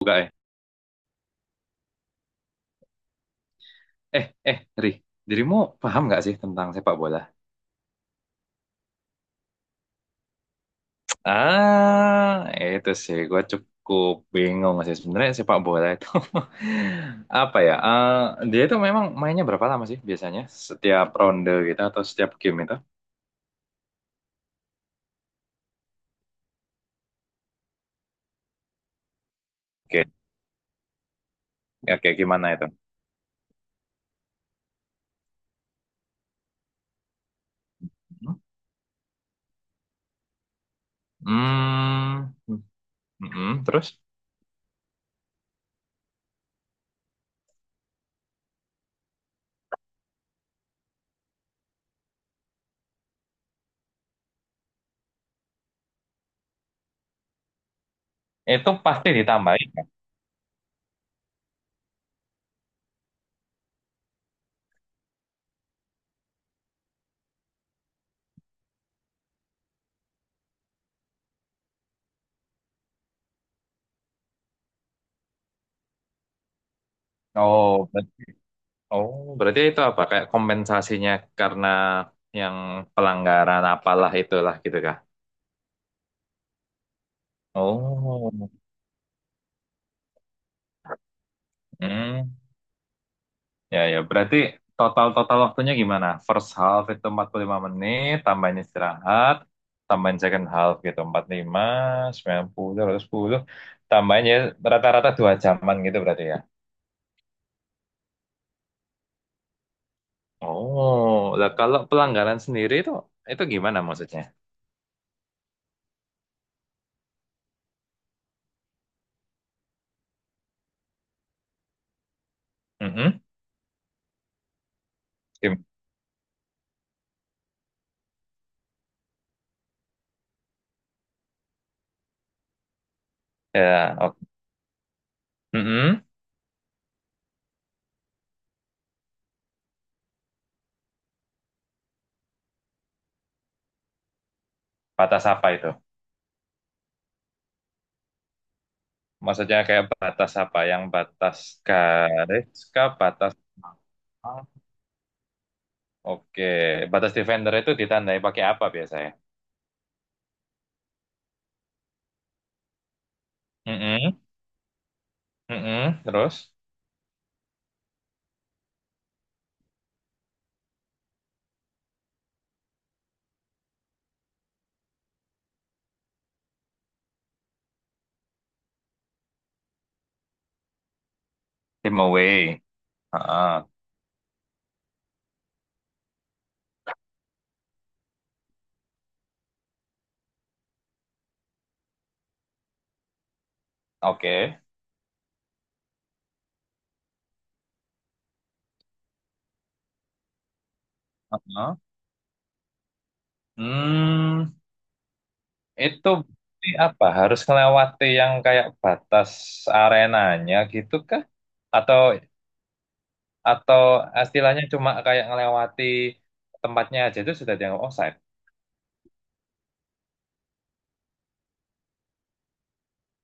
Buka ya? Ri, dirimu paham nggak sih tentang sepak bola? Ah, itu sih, gue cukup bingung sih sebenarnya sepak bola itu apa ya? Dia itu memang mainnya berapa lama sih biasanya? Setiap ronde gitu atau setiap game itu? Oke, ya, oke, gimana itu? Hmm. Mm-mm. Terus itu pasti ditambahin, kan? Oh, berarti, oh, berarti, itu apa? Kayak kompensasinya karena yang pelanggaran apalah itulah gitu kah? Oh, hmm. Ya, ya. Berarti total-total waktunya gimana? First half itu 45 menit, tambahin istirahat, tambahin second half gitu 45, 90, 90, 10. Tambahin ya rata-rata 2 jaman gitu berarti ya. Oh, lah kalau pelanggaran sendiri itu gimana maksudnya? Mhm. Gim- Ya, oke. Mhm. Batas apa itu? Maksudnya kayak batas apa? Yang batas garis kah? Batas apa? Oke, batas defender itu ditandai pakai apa biasanya? Mm-mm. Mm-mm. Terus tim away. Ah, oke. Heeh. Hmm, itu berarti apa? Harus melewati yang kayak batas arenanya gitu kah? Atau atau istilahnya cuma kayak ngelewati tempatnya aja itu sudah dianggap offside?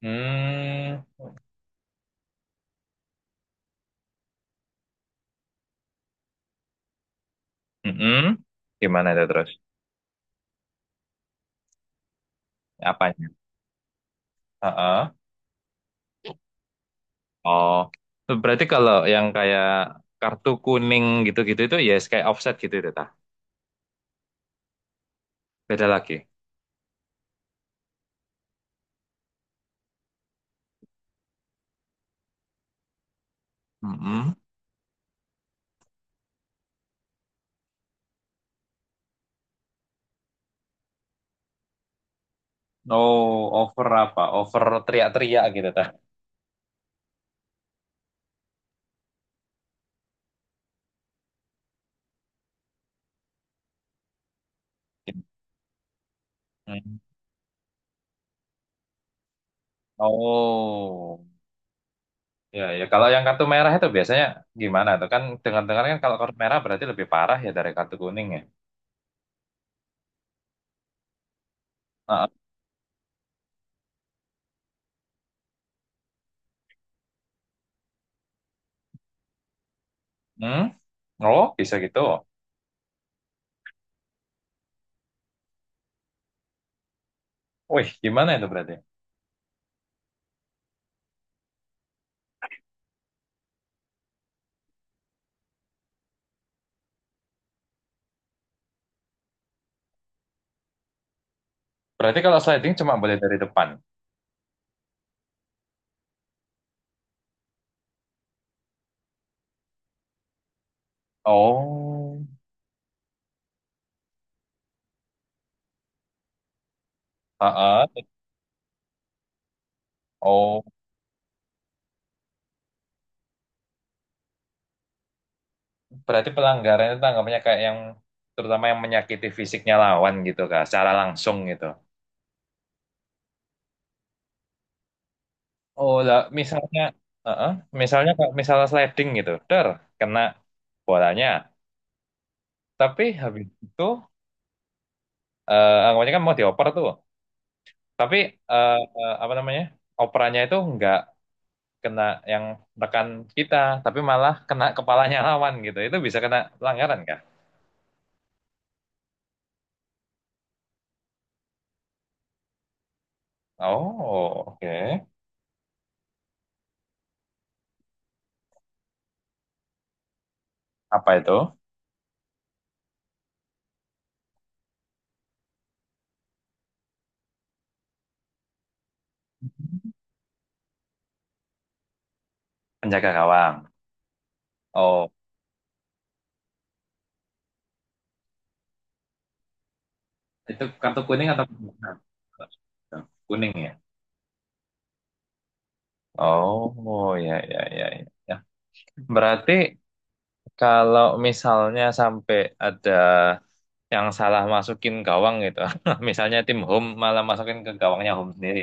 Hmm, mm-mm. Gimana itu terus? Apanya? Heeh. Oh, berarti kalau yang kayak kartu kuning gitu-gitu itu ya kayak offset gitu itu tah. Beda lagi. Mm-mm. Oh, over apa? Over teriak-teriak gitu tah. Hmm. Oh, ya, ya. Kalau yang kartu merah itu biasanya gimana tuh? Kan dengar-dengar kan kalau kartu merah berarti lebih parah ya dari kartu kuning ya. Ah, hmm? Oh, bisa gitu. Wih, gimana itu berarti? Berarti kalau sliding cuma boleh dari depan. Oh, ah, ah. Berarti pelanggaran itu tanggapannya kayak yang terutama yang menyakiti fisiknya lawan gitu kak, secara langsung gitu. Oh lah, misalnya, uh-uh, misalnya kak, misalnya sliding gitu, der, kena bolanya. Tapi habis itu, anggapannya kan mau dioper tuh. Tapi eh, apa namanya, operannya itu nggak kena yang rekan kita, tapi malah kena kepalanya lawan gitu. Itu bisa kena pelanggaran kak? Oh, oke. Apa itu? Penjaga gawang. Oh. Itu kartu kuning atau kartu merah? Kuning ya. Oh, ya, ya, ya, ya, ya. Berarti kalau misalnya sampai ada yang salah masukin gawang gitu, misalnya tim home malah masukin ke gawangnya home sendiri,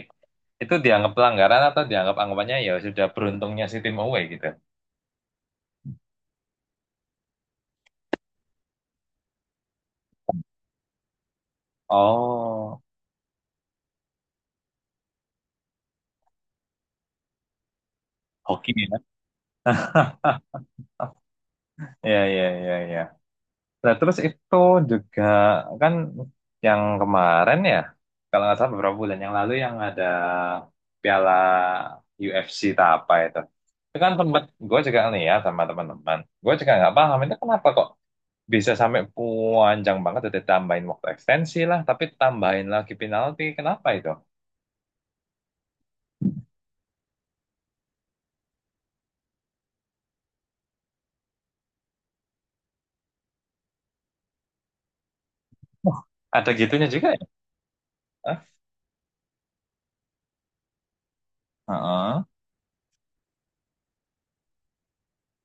itu dianggap pelanggaran atau dianggap anggapannya ya sudah beruntungnya si tim away gitu? Oh, hoki ya. Ya, ya, ya, ya. Nah, terus itu juga kan yang kemarin ya, kalau nggak salah beberapa bulan yang lalu yang ada piala UFC tak apa itu. Itu kan tempat gue juga lihat sama teman-teman. Gue juga nggak paham itu kenapa kok bisa sampai panjang banget udah tambahin waktu ekstensi lah, tapi tambahin lagi penalti. Kenapa itu? Wah, ada gitunya juga ya? Hah? Heeh.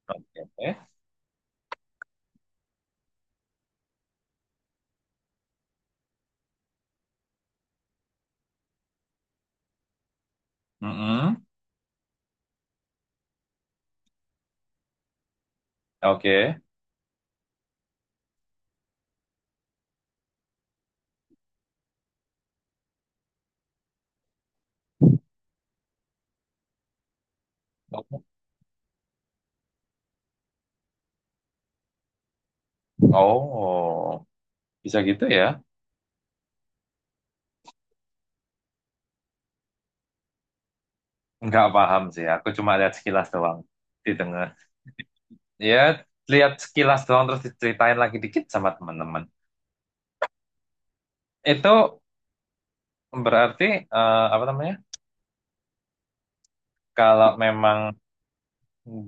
Oke. Mm-mm. Oke. Oh, bisa gitu ya? Nggak paham sih, aku cuma lihat sekilas doang di tengah. Ya, lihat sekilas doang terus diceritain lagi dikit sama teman-teman. Itu berarti apa namanya? Kalau memang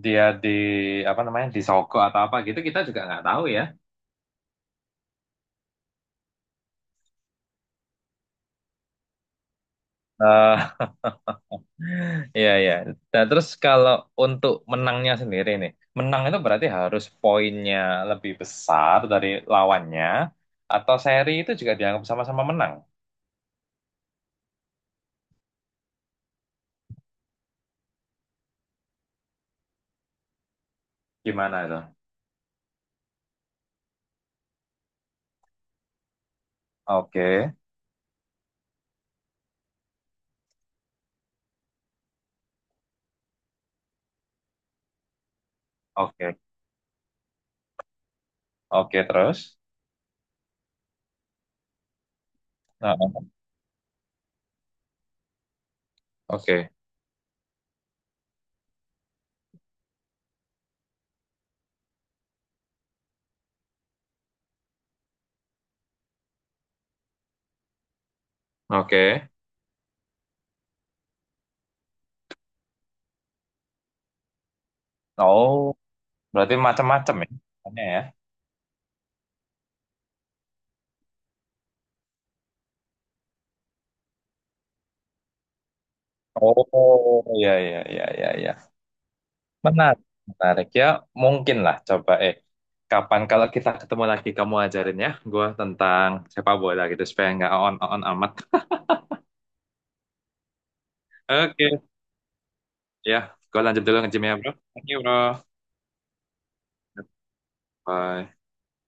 dia di apa namanya disogok atau apa gitu kita juga nggak tahu ya. Eh, iya, iya. Nah, terus kalau untuk menangnya sendiri nih, menang itu berarti harus poinnya lebih besar dari lawannya atau seri itu juga dianggap sama-sama menang. Gimana itu? Oke, oke. Oke, terus. Nah, oke, oke. Oh, berarti macam-macam ya. Tanya ya. Oh, iya, iya, iya, iya, iya. Menarik, menarik ya. Mungkin lah, coba eh. Kapan kalau kita ketemu lagi kamu ajarin ya gue tentang sepak bola gitu supaya nggak on on amat. Oke, ya, gue lanjut dulu nge-gym ya bro. Thank you bro. Bye.